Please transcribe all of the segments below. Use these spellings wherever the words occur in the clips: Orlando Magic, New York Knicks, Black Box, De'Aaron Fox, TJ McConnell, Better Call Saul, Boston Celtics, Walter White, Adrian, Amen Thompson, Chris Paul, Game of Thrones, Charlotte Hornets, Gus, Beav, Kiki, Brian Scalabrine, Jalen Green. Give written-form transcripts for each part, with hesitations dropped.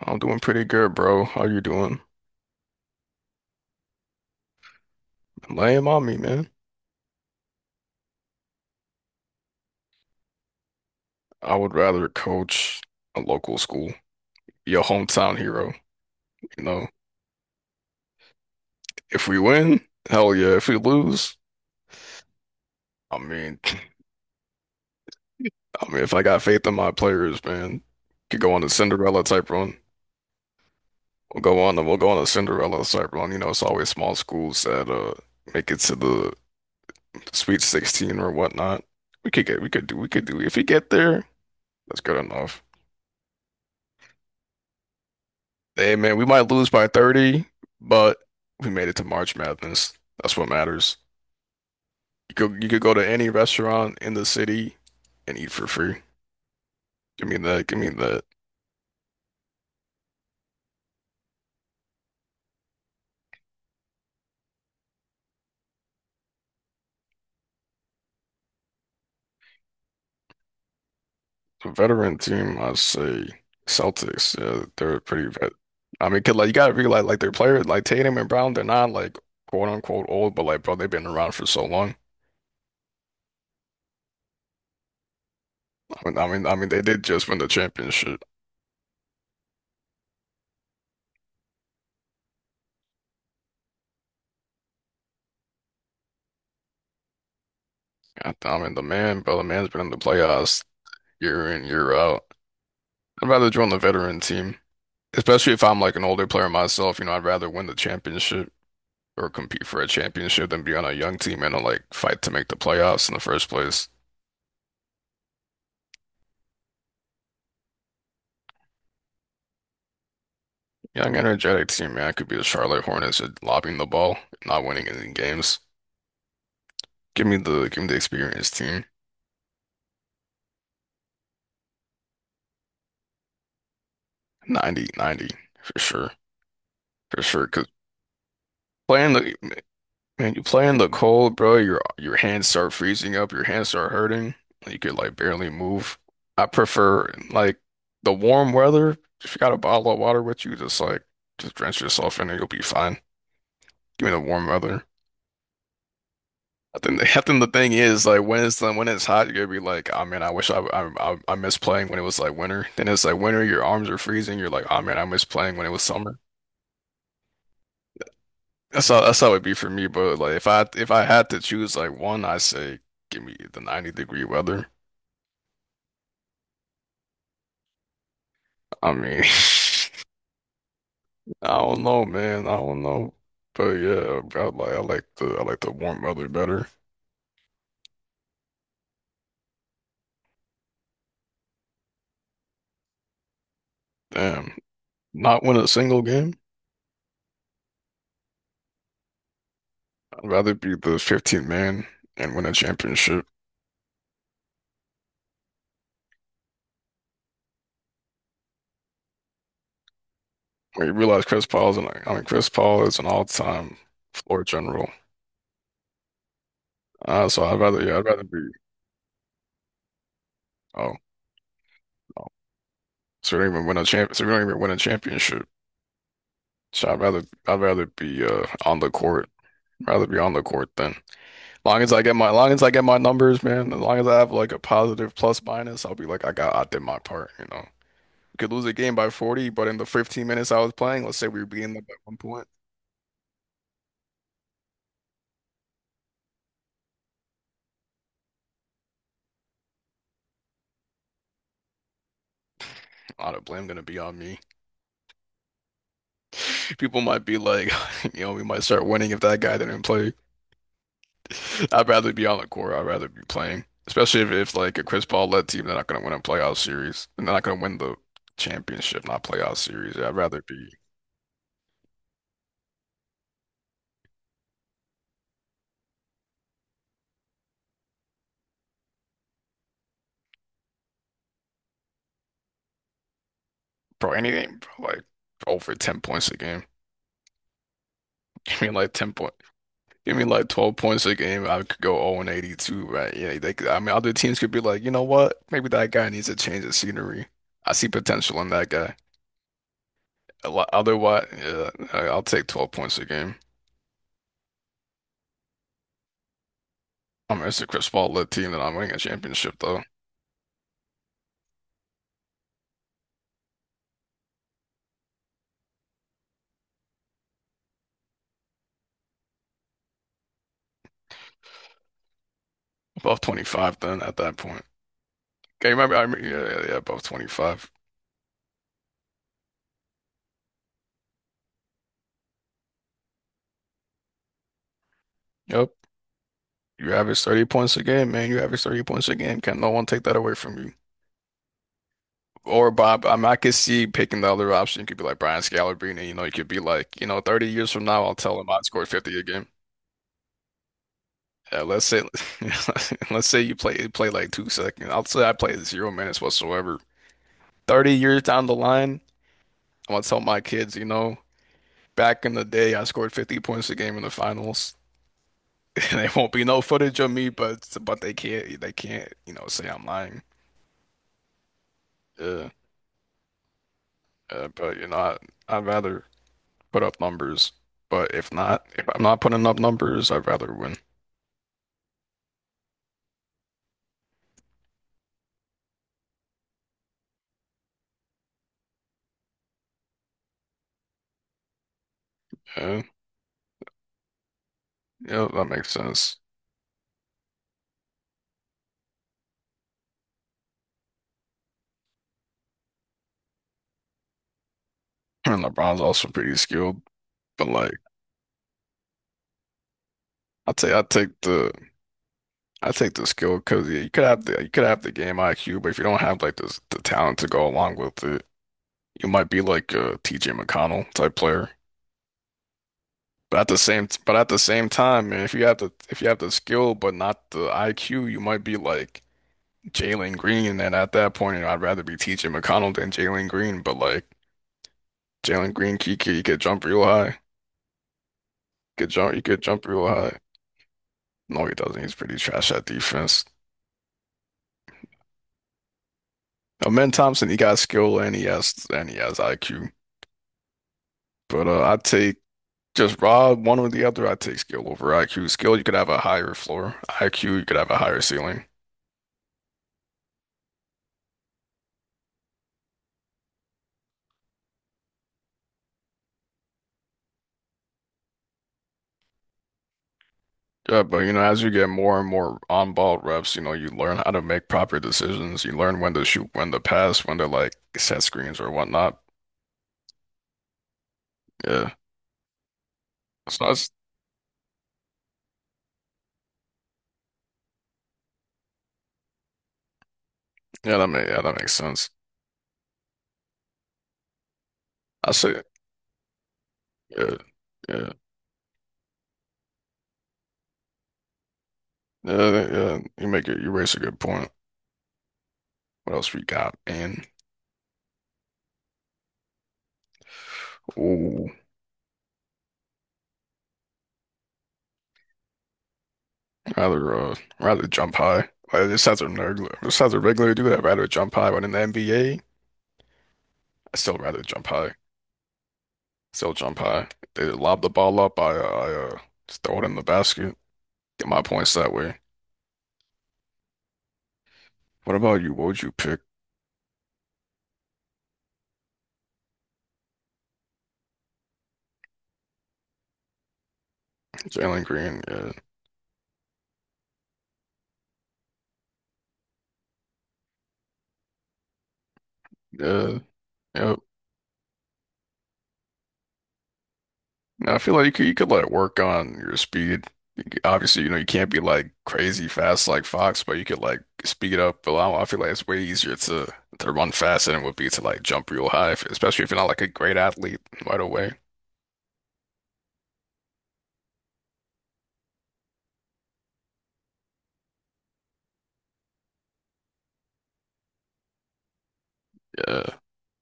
I'm doing pretty good, bro. How you doing? Lame on me, man. I would rather coach a local school, be a hometown hero. You know, if we win, hell yeah. If we lose, I mean, I mean, if I got faith in my players, man, could go on a Cinderella type run. We'll go on a Cinderella type run. You know, it's always small schools that make it to the Sweet 16 or whatnot. We we could do. If we get there, that's good enough. Hey man, we might lose by 30, but we made it to March Madness. That's what matters. You could go to any restaurant in the city and eat for free. Give me that. Give me that. The veteran team, I say Celtics. Yeah, they're pretty vet. I mean, 'cause, like you gotta realize like their players like Tatum and Brown, they're not like quote unquote old, but like bro, they've been around for so long. I mean, they did just win the championship. God, I mean, the man, bro, the man's been in the playoffs year in, year out. I'd rather join the veteran team, especially if I'm like an older player myself. You know, I'd rather win the championship or compete for a championship than be on a young team and like fight to make the playoffs in the first place. Young, energetic team, man, I could be the Charlotte Hornets at lobbing the ball, not winning any games. Give me the experienced team. 90, 90 for sure, for sure. Because playing the Man, you play in the cold, bro. Your hands start freezing up. Your hands start hurting. You could like barely move. I prefer like the warm weather. If you got a bottle of water with you, just like just drench yourself in it. You'll be fine. Give me the warm weather. I think the thing is, like, when it's hot, you're gonna be like, oh man, I wish I miss playing when it was like winter. Then it's like winter, your arms are freezing. You're like, oh man, I miss playing when it was summer. That's how it'd be for me. But like if I had to choose like one, I say give me the 90-degree weather. I mean, I don't know, man. I don't know, but yeah, I like I like the warm weather better. Damn, not win a single game. I'd rather be the 15th man and win a championship. When you realize Chris Paul is an Chris Paul is an all-time floor general. So I'd rather, yeah, I'd rather be, oh no, so we don't even win a championship. So I'd rather be on the court, rather be on the court than. Long as I get my, long as I get my numbers, man. As long as I have like a positive plus minus, I'll be like, I got, I did my part. You know, you could lose a game by 40, but in the 15 minutes I was playing, let's say we were beating them by 1 point, a lot of blame gonna be on me. People might be like, you know, we might start winning if that guy didn't play. I'd rather be on the court. I'd rather be playing, especially if like a Chris Paul led team, they're not going to win a playoff series, and they're not going to win the championship, not playoff series. I'd rather be. Bro, anything, bro, like over 10 points a game. I mean, like 10 point. Give me like 12 points a game. I could go 0-82, right? Yeah, they could, I mean, other teams could be like, you know what? Maybe that guy needs a change of scenery. I see potential in that guy. A lot, otherwise, yeah, I'll take 12 points a game. I mean, it's a Chris Paul led team that I'm winning a championship, though. Above 25, then at that point. Okay, remember, I mean, yeah, yeah, yeah, above 25. Yep. You average 30 points a game, man. You average 30 points a game. Can't no one take that away from you. Or Bob, I mean, I could see picking the other option. You could be like Brian Scalabrine, you know, you could be like, you know, 30 years from now, I'll tell him I scored 50 again. Let's say, let's say you play like 2 seconds. I'll say I played 0 minutes whatsoever. 30 years down the line, I'm gonna tell my kids, you know, back in the day, I scored 50 points a game in the finals. And there won't be no footage of me, but they can't, you know, say I'm lying. Yeah, but you know, I'd rather put up numbers. But if not, if I'm not putting up numbers, I'd rather win. Yeah, yeah, that makes sense. And LeBron's also pretty skilled, but like I would say, I take the skill because yeah, you could have the game IQ, but if you don't have like the talent to go along with it, you might be like a TJ McConnell type player. But at the same but at the same time, man, if you have the skill but not the IQ, you might be like Jalen Green. And at that point, you know, I'd rather be TJ McConnell than Jalen Green. But like Jalen Green, Kiki, he could jump real high. He could jump real high. No, he doesn't. He's pretty trash at defense. Amen Thompson, he got skill and he has IQ. But I take just raw one or the other. I take skill over IQ. Skill, you could have a higher floor. IQ, you could have a higher ceiling. Yeah, but you know, as you get more and more on-ball reps, you know, you learn how to make proper decisions. You learn when to shoot, when to pass, when to like set screens or whatnot. Yeah. So that's yeah, that make yeah, that makes sense. I say, yeah, yeah. Yeah, you make it. You raise a good point. What else we got, man? Ooh, rather jump high. This sounds a regular. Do that. Rather jump high. But in the NBA, I still rather jump high. Still jump high. They lob the ball up. I just throw it in the basket. Get my points that way. What about you? What would you pick? Jalen Green. Yeah, yeah, yeah. No, I feel like you could let it work on your speed. Obviously, you know, you can't be like crazy fast like Fox, but you could like speed up. But I feel like it's way easier to run fast than it would be to like jump real high, if, especially if you're not like a great athlete right away. Yeah,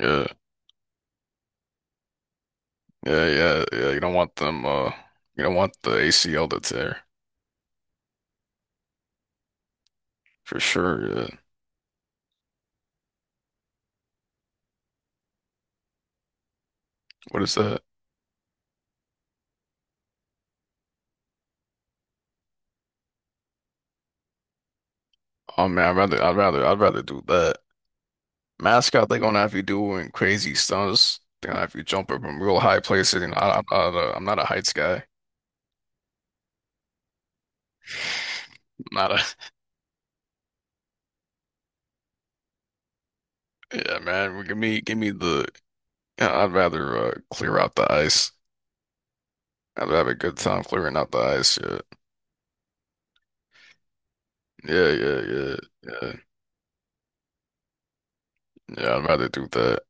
yeah, yeah, yeah, yeah. You don't want them. You don't want the ACL to tear for sure. Yeah. What is that? Oh man, I'd rather do that. Mascot, they're gonna have you doing crazy stunts. They're gonna have you jumping from real high places. You know, I'm not a heights guy. I'm not a, yeah, man. Give me the. Yeah, I'd rather clear out the ice. I'd have a good time clearing out the ice. Yeah, yeah, yeah, yeah, yeah. Yeah, I'd rather do that.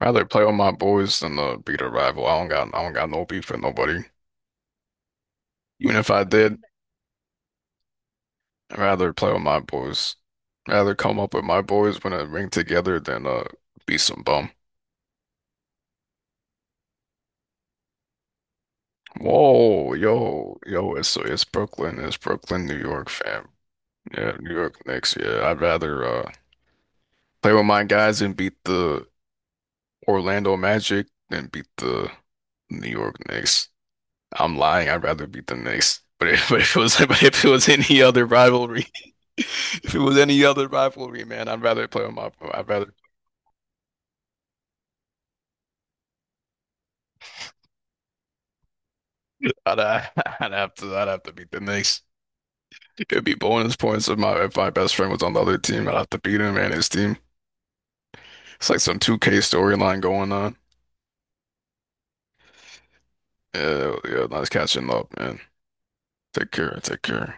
Rather play with my boys than beat a rival. I don't got no beef with nobody. Even if I did, I'd rather play with my boys. Rather come up with my boys when I ring together than be some bum. Whoa, yo, yo, it's Brooklyn, New York, fam. Yeah, New York Knicks. Yeah, I'd rather play with my guys and beat the Orlando Magic than beat the New York Knicks. I'm lying, I'd rather beat the Knicks. But if, but if it was but if it was any other rivalry, if it was any other rivalry, man, I'd rather play with my I'd, uh, I'd have to beat the Knicks. It'd be bonus points if my best friend was on the other team. I'd have to beat him and his team. It's like some 2K storyline going on. Yeah, yeah, nice catching up, man. Take care, take care.